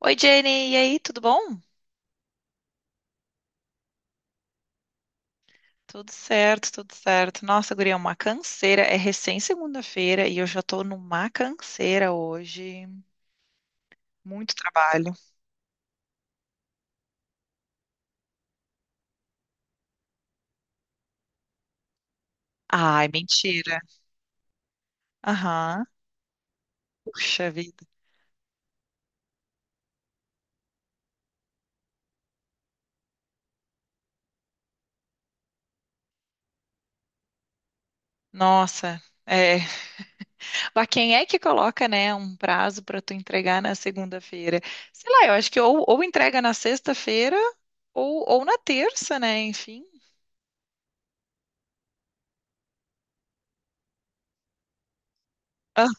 Oi, Jenny, e aí, tudo bom? Tudo certo, tudo certo. Nossa, guria, é uma canseira. É recém segunda-feira e eu já tô numa canseira hoje. Muito trabalho. Ai, mentira. Aham. Puxa vida. Nossa. É. Mas quem é que coloca, né, um prazo pra tu entregar na segunda-feira? Sei lá, eu acho que ou entrega na sexta-feira ou na terça, né? Enfim. Ah,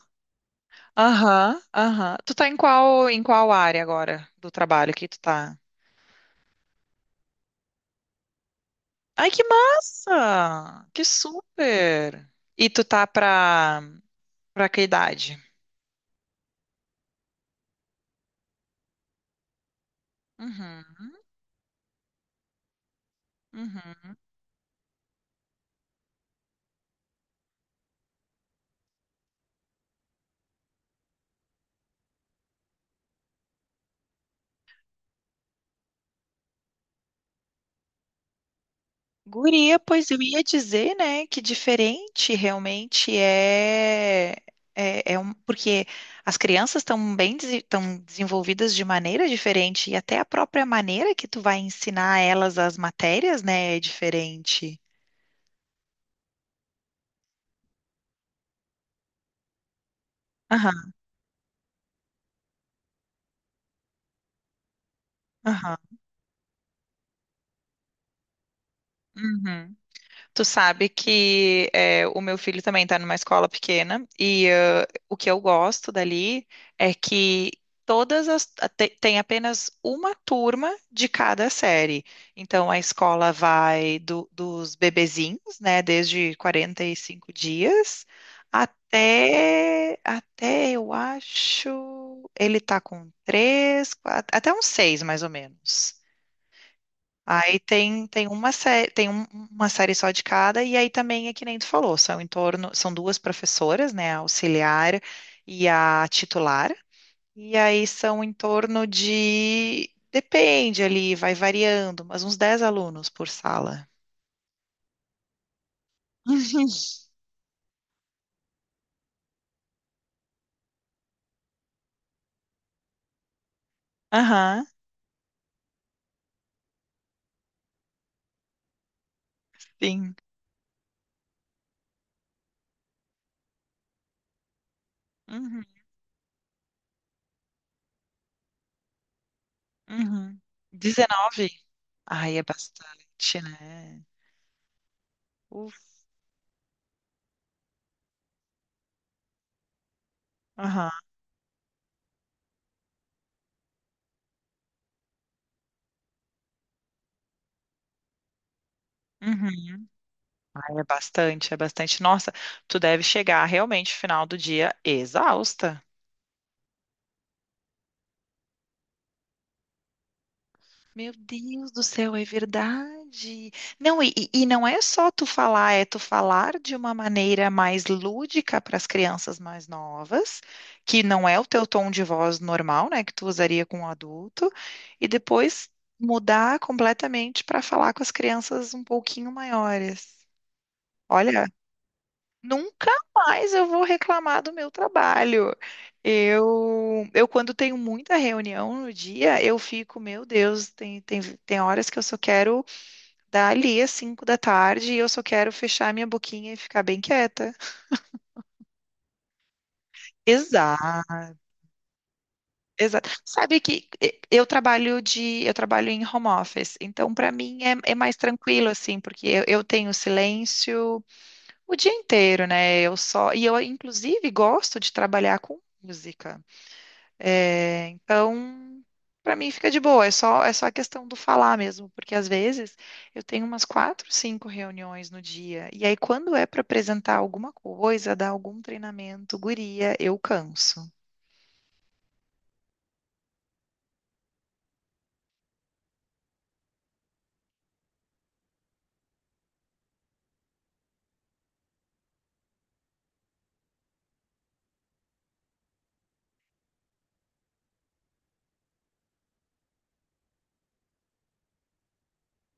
aham, aham. Tu tá em qual área agora do trabalho que tu tá? Ai, que massa! Que super! E tu tá pra que idade? Uhum, uhum. Guria, pois eu ia dizer, né, que diferente realmente é um, porque as crianças estão bem estão desenvolvidas de maneira diferente e até a própria maneira que tu vai ensinar elas as matérias, né, é diferente. Aham, aham. Uhum. Tu sabe que é, o meu filho também está numa escola pequena e o que eu gosto dali é que todas as tem apenas uma turma de cada série. Então a escola vai dos bebezinhos, né, desde 45 dias até eu acho ele tá com três, quatro, até uns seis mais ou menos. Aí tem, tem uma série, tem um- uma série só de cada, e aí também é que nem tu falou, são em torno, são duas professoras, né, a auxiliar e a titular, e aí são em torno de, depende ali, vai variando, mas uns 10 alunos por sala. Uhum. Aham, sim. Uhum, uhum. Dezenove. Ai, é bastante, né? Uf. Aham. Uhum. É bastante, é bastante. Nossa, tu deve chegar realmente no final do dia exausta. Meu Deus do céu, é verdade. Não, e não é só tu falar, é tu falar de uma maneira mais lúdica para as crianças mais novas, que não é o teu tom de voz normal, né, que tu usaria com um adulto, e depois mudar completamente para falar com as crianças um pouquinho maiores. Olha, nunca mais eu vou reclamar do meu trabalho. Eu quando tenho muita reunião no dia, eu fico, meu Deus, tem horas que eu só quero dar ali às 5 da tarde e eu só quero fechar minha boquinha e ficar bem quieta. Exato, exato. Sabe que eu trabalho em home office, então para mim é mais tranquilo assim, porque eu tenho silêncio o dia inteiro, né? E eu inclusive gosto de trabalhar com música. É, então, para mim fica de boa, é só a questão do falar mesmo, porque às vezes eu tenho umas quatro, cinco reuniões no dia, e aí quando é para apresentar alguma coisa, dar algum treinamento, guria, eu canso.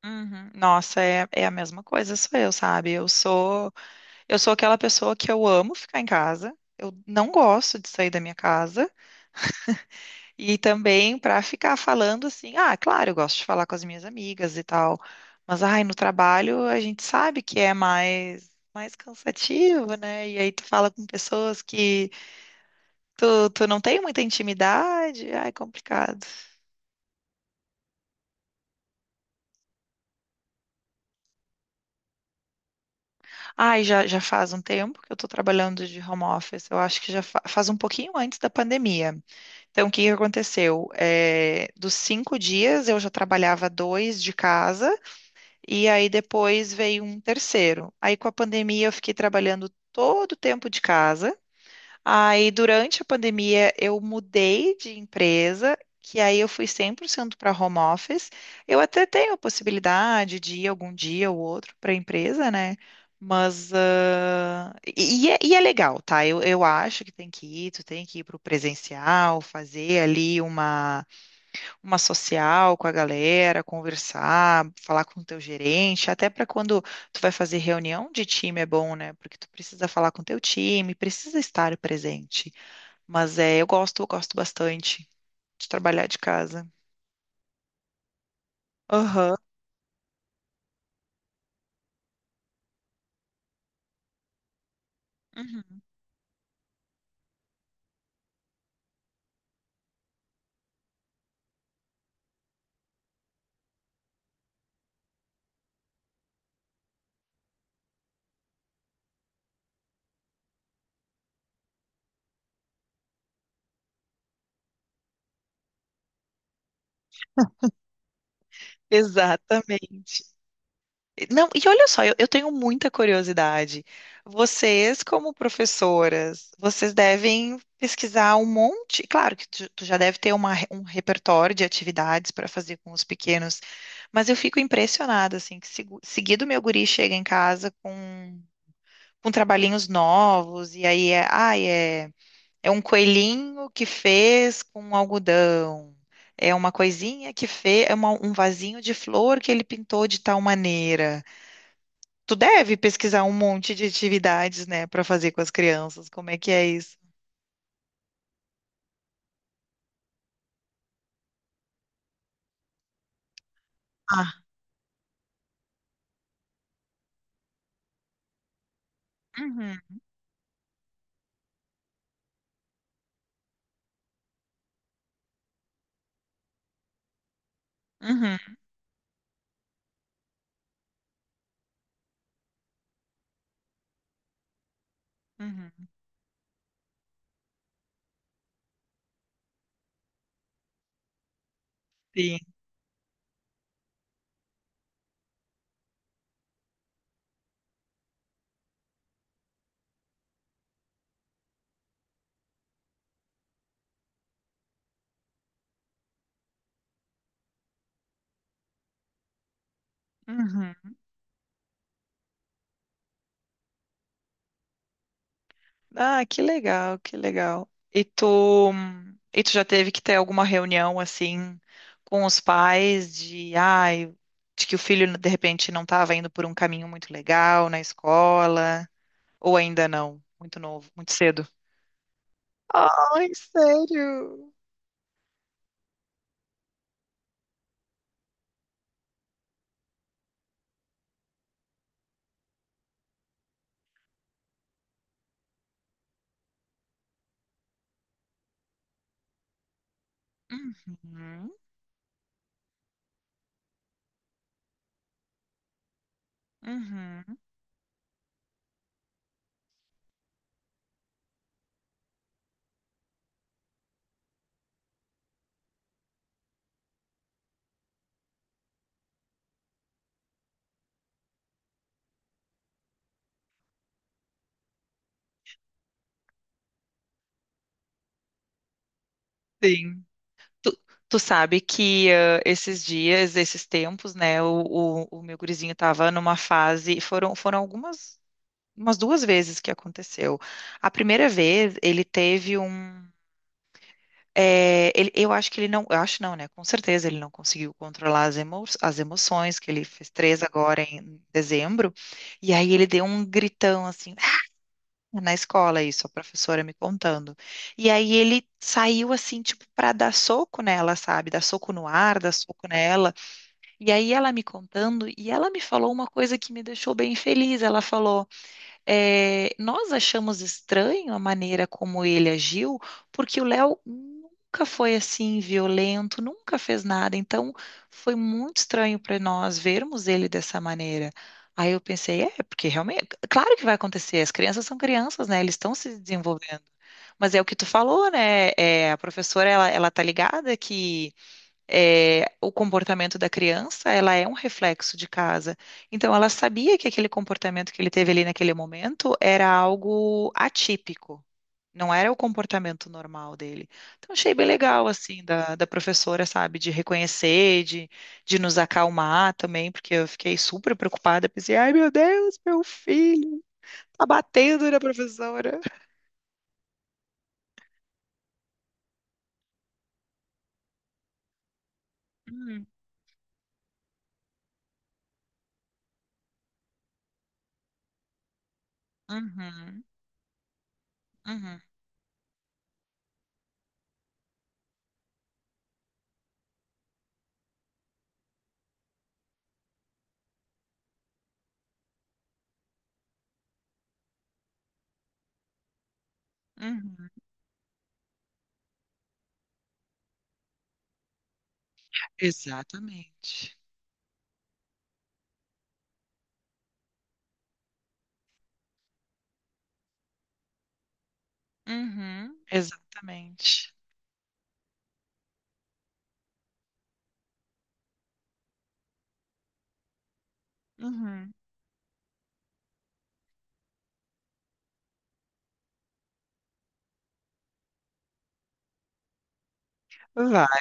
Uhum. Nossa, é a mesma coisa, sou eu, sabe? Eu sou aquela pessoa que eu amo ficar em casa, eu não gosto de sair da minha casa. E também para ficar falando assim, ah, claro, eu gosto de falar com as minhas amigas e tal, mas ai, no trabalho a gente sabe que é mais cansativo, né? E aí tu fala com pessoas que tu não tem muita intimidade, ai, complicado. Ai, já faz um tempo que eu tô trabalhando de home office, eu acho que já faz um pouquinho antes da pandemia. Então, o que que aconteceu? É, dos 5 dias eu já trabalhava dois de casa. E aí depois veio um terceiro. Aí com a pandemia eu fiquei trabalhando todo o tempo de casa. Aí durante a pandemia eu mudei de empresa, que aí eu fui 100% para home office. Eu até tenho a possibilidade de ir algum dia ou outro para a empresa, né? Mas ah, e é legal, tá? Eu acho que tem que ir, tu tem que ir para o presencial, fazer ali uma social com a galera, conversar, falar com o teu gerente, até para quando tu vai fazer reunião de time é bom, né? Porque tu precisa falar com o teu time, precisa estar presente. Mas é, eu gosto bastante de trabalhar de casa. Aham, uhum, exatamente. Não, e olha só, eu tenho muita curiosidade. Vocês, como professoras, vocês devem pesquisar um monte. Claro que tu já deve ter um repertório de atividades para fazer com os pequenos, mas eu fico impressionada, assim, que seguido meu guri chega em casa com trabalhinhos novos, e aí é, ai, é um coelhinho que fez com algodão. É uma coisinha que fez, é um vasinho de flor que ele pintou de tal maneira. Tu deve pesquisar um monte de atividades, né, para fazer com as crianças. Como é que é isso? Ah, uhum, uhum, uhum, sim, uhum. Ah, que legal, que legal. E tu, e tu já teve que ter alguma reunião assim com os pais de, ai, de que o filho de repente não estava indo por um caminho muito legal na escola, ou ainda não, muito novo, muito cedo. Ai, sério? Uhum, uhum, sim. Tu, tu sabe que ah, esses dias, esses tempos, né, o meu gurizinho estava numa fase, foram umas duas vezes que aconteceu. A primeira vez, ele teve um, ele, eu acho que ele não, eu acho não, né, com certeza ele não conseguiu controlar as, emo, as emoções, que ele fez três agora em dezembro, e aí ele deu um gritão assim, é na escola, isso, a professora me contando. E aí ele saiu assim, tipo, pra dar soco nela, sabe? Dar soco no ar, dar soco nela. E aí ela me contando, e ela me falou uma coisa que me deixou bem feliz. Ela falou. É, nós achamos estranho a maneira como ele agiu, porque o Léo nunca foi assim violento, nunca fez nada. Então, foi muito estranho para nós vermos ele dessa maneira. Aí eu pensei, é, porque realmente, claro que vai acontecer, as crianças são crianças, né? Eles estão se desenvolvendo. Mas é o que tu falou, né? É, a professora, ela tá ligada que é, o comportamento da criança, ela é um reflexo de casa. Então, ela sabia que aquele comportamento que ele teve ali naquele momento era algo atípico, não era o comportamento normal dele. Então, achei bem legal, assim, da professora, sabe, de reconhecer, de nos acalmar também, porque eu fiquei super preocupada, pensei, ai, meu Deus, meu filho, tá batendo na professora. Hum, Uhum, uhum, uhum. Exatamente. Uhum, exatamente. Uhum, vai.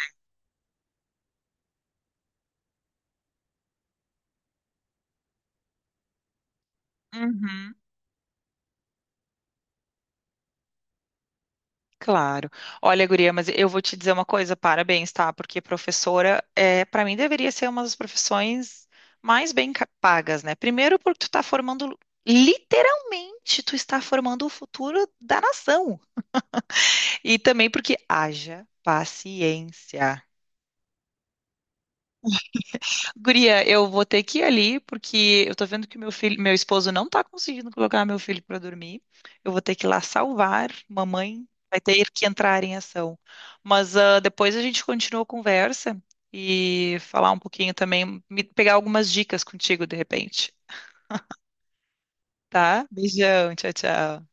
Uhum, claro. Olha, guria, mas eu vou te dizer uma coisa, parabéns, tá? Porque professora, é, para mim, deveria ser uma das profissões mais bem pagas, né? Primeiro porque tu tá formando, literalmente, tu está formando o futuro da nação. E também porque haja paciência. Guria, eu vou ter que ir ali, porque eu tô vendo que meu esposo não tá conseguindo colocar meu filho pra dormir. Eu vou ter que ir lá salvar. Mamãe vai ter que entrar em ação. Mas ah, depois a gente continua a conversa e falar um pouquinho também, pegar algumas dicas contigo de repente, tá? Beijão, tchau, tchau.